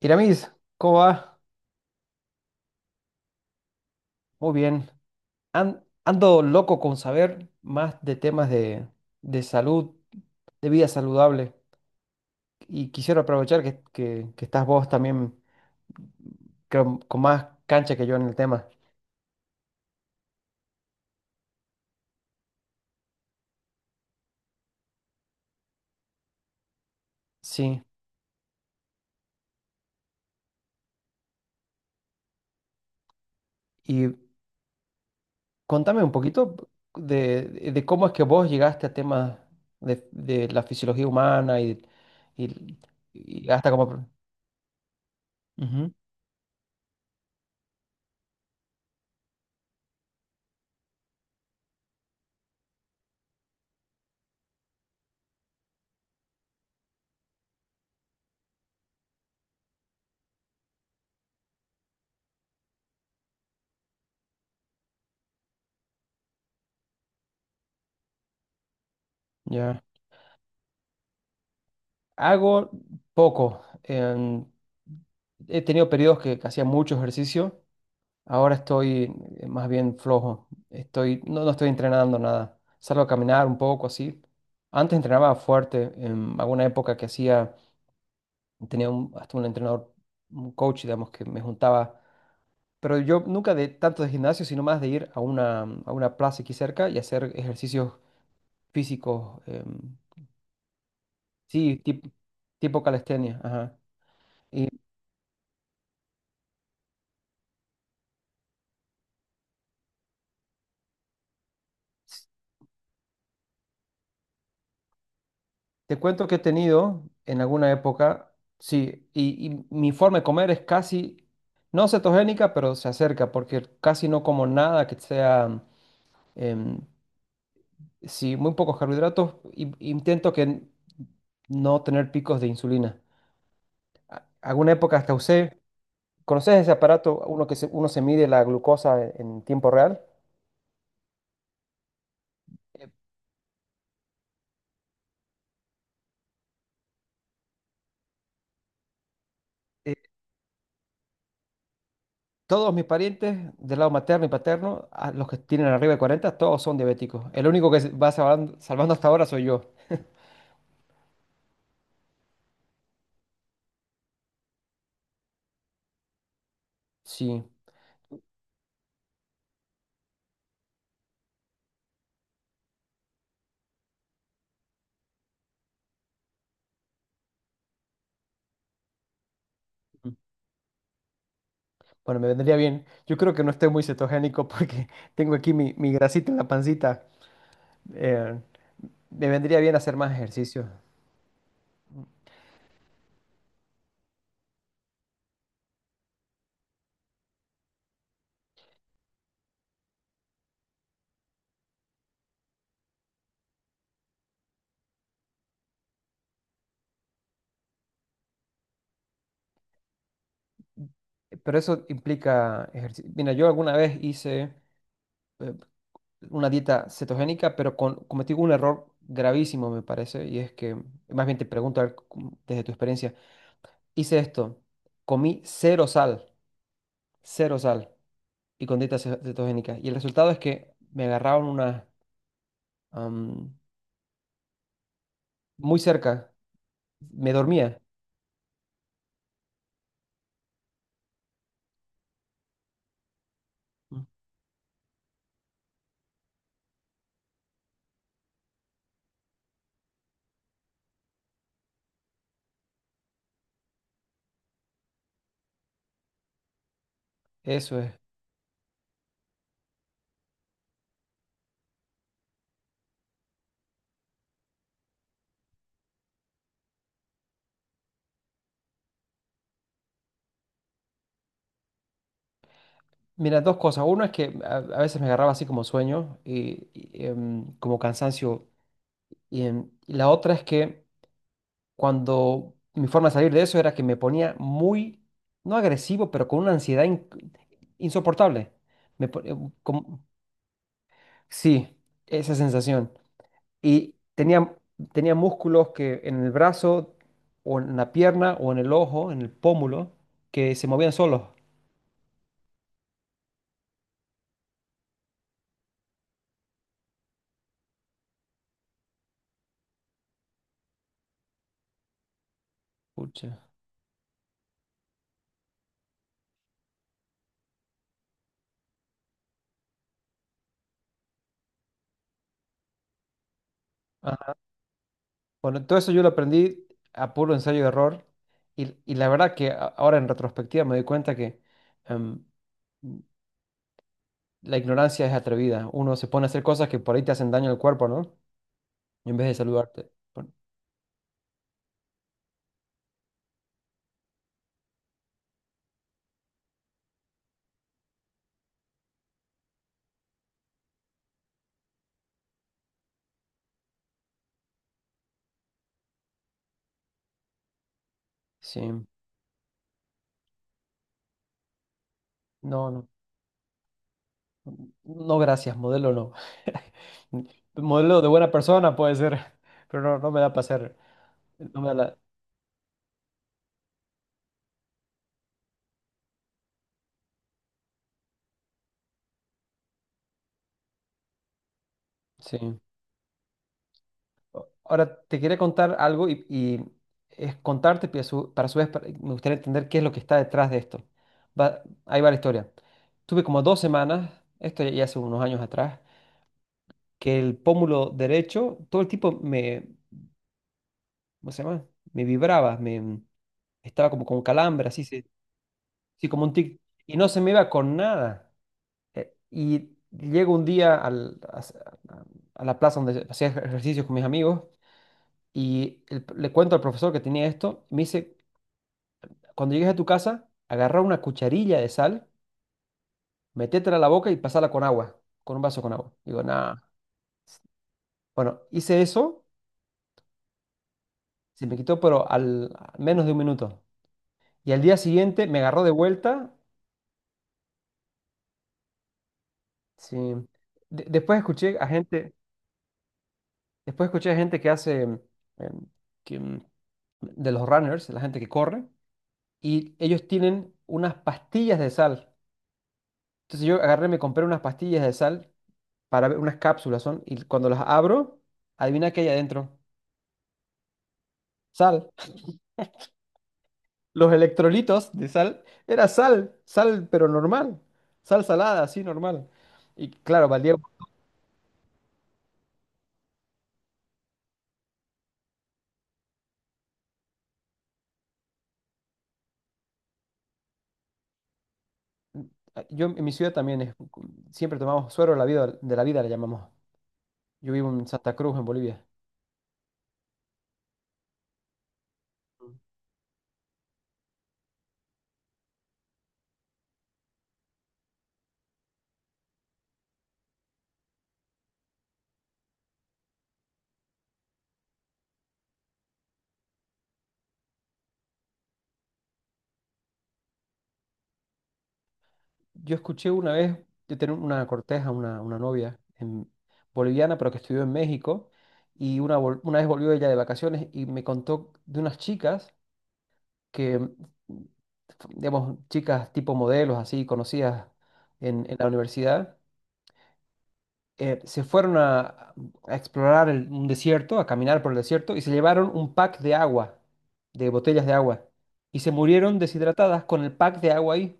Iramis, ¿cómo va? Muy bien. Ando loco con saber más de temas de salud, de vida saludable. Y quisiera aprovechar que estás vos también, creo, con más cancha que yo en el tema. Sí. Y contame un poquito de, de cómo es que vos llegaste a temas de la fisiología humana y- y hasta como... Ujú. Ya. Hago poco. He tenido periodos que hacía mucho ejercicio. Ahora estoy más bien flojo. Estoy, no estoy entrenando nada. Salgo a caminar un poco así. Antes entrenaba fuerte. En alguna época que hacía, hasta un entrenador, un coach, digamos, que me juntaba. Pero yo nunca de tanto de gimnasio, sino más de ir a a una plaza aquí cerca y hacer ejercicios físicos. Sí, tipo calistenia. Ajá. Y te cuento que he tenido en alguna época, sí, y mi forma de comer es casi, no cetogénica, pero se acerca, porque casi no como nada que sea, em, sí, muy pocos carbohidratos, y- intento que no tener picos de insulina. Alguna época hasta usé, ¿conoces ese aparato, uno se mide la glucosa en tiempo real? eh, Todos mis parientes del lado materno y paterno, a los que tienen arriba de 40, todos son diabéticos. El único que se va salvando, salvando hasta ahora soy yo. Sí. mm, bueno, me vendría bien. Yo creo que no estoy muy cetogénico porque tengo aquí mi grasita en la pancita. Eh, Me vendría bien hacer más ejercicio. Pero eso implica ejercicio. Mira, yo alguna vez hice eh, una dieta cetogénica, pero cometí un error gravísimo, me parece. Y es que, más bien te pregunto a ver desde tu experiencia, hice esto, comí cero sal, y con dieta cetogénica. Y el resultado es que me agarraron una, am, muy cerca, me dormía. Eso es. Mira, dos cosas. Uno es que a veces me agarraba así como sueño y como cansancio. Y y la otra es que cuando mi forma de salir de eso era que me ponía muy, no agresivo, pero con una ansiedad insoportable. Me, po- em, como- Sí, esa sensación. Y tenía músculos que en el brazo o en la pierna o en el ojo, en el pómulo, que se movían solos. Pucha. Bueno, todo eso yo lo aprendí a puro ensayo y error. Y la verdad que ahora en retrospectiva me doy cuenta que em, la ignorancia es atrevida. Uno se pone a hacer cosas que por ahí te hacen daño al cuerpo, ¿no? En vez de saludarte. Bueno, sí, no, no. No, gracias, modelo no. Modelo de buena persona puede ser, pero no, no me da para hacer. No me da la... Sí. Ahora te quería contar algo , y es contarte, pero para a su vez, me gustaría entender qué es lo que está detrás de esto. Ahí va la historia. Tuve como dos semanas, esto ya hace unos años atrás, que el pómulo derecho, todo el tipo me, ¿cómo se llama? Me vibraba, me estaba como con calambre, así como un tic, y no se me iba con nada. Y llego un día a la plaza donde hacía ejercicios con mis amigos y le cuento al profesor que tenía esto, y me dice: cuando llegues a tu casa, agarra una cucharilla de sal, métetela a la boca y pasala con agua, con un vaso con agua. Digo, nada. Bueno, hice eso, se me quitó, pero al a menos de un minuto. Y al día siguiente me agarró de vuelta. Sí. Después escuché a gente, después escuché a gente que hace que, mm, de los runners, la gente que corre, y ellos tienen unas pastillas de sal. Entonces yo agarré, me compré unas pastillas de sal para ver, unas cápsulas son, y cuando las abro, adivina qué hay adentro. Sal. Los electrolitos de sal era sal, sal pero normal, sal salada, así normal. Y claro, valía. Yo en mi ciudad también siempre tomamos suero de la vida le llamamos. Yo vivo en Santa Cruz, en Bolivia. Yo escuché una vez, yo tenía una corteja, una novia boliviana, pero que estudió en México, y una vez volvió ella de vacaciones y me contó de unas chicas que, mm, digamos, chicas tipo modelos, así conocidas en la universidad, se fueron a explorar un desierto, a caminar por el desierto, y se llevaron un pack de agua, de botellas de agua, y se murieron deshidratadas con el pack de agua ahí.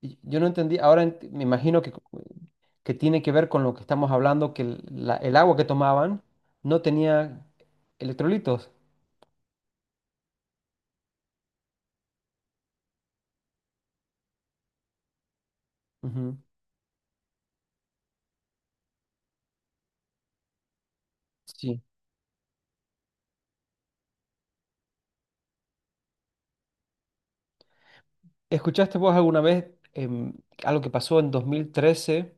Yo no entendí, ahora me imagino que tiene que ver con lo que estamos hablando, que el agua que tomaban no tenía electrolitos. Ujú. Sí. ¿Escuchaste vos alguna vez em, algo que pasó en 2013?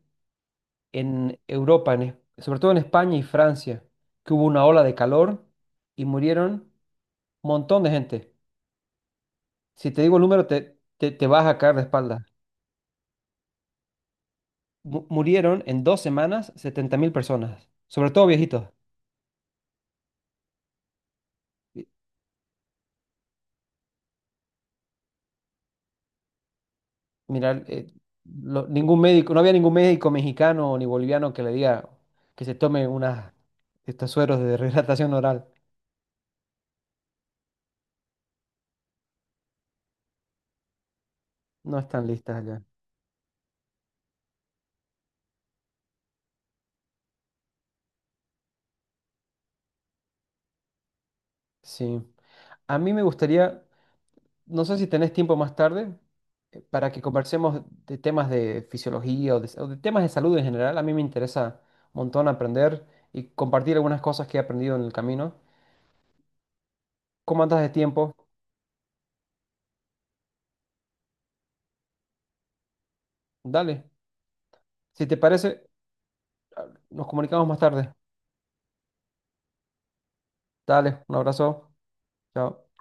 En Europa, en sobre todo en España y Francia, que hubo una ola de calor y murieron un montón de gente. Si te digo el número, te vas a caer de espalda. Murieron en dos semanas 70.000 personas, sobre todo viejitos. Y- Mira, ningún médico, no había ningún médico mexicano ni boliviano que le diga que se tome unas, estos sueros de rehidratación oral. No están listas allá. Sí. A mí me gustaría, no sé si tenés tiempo más tarde, para que conversemos de temas de fisiología o de temas de salud en general. A mí me interesa un montón aprender y compartir algunas cosas que he aprendido en el camino. ¿Cómo andas de tiempo? Dale. Si te parece, nos comunicamos más tarde. Dale, un abrazo. Chao.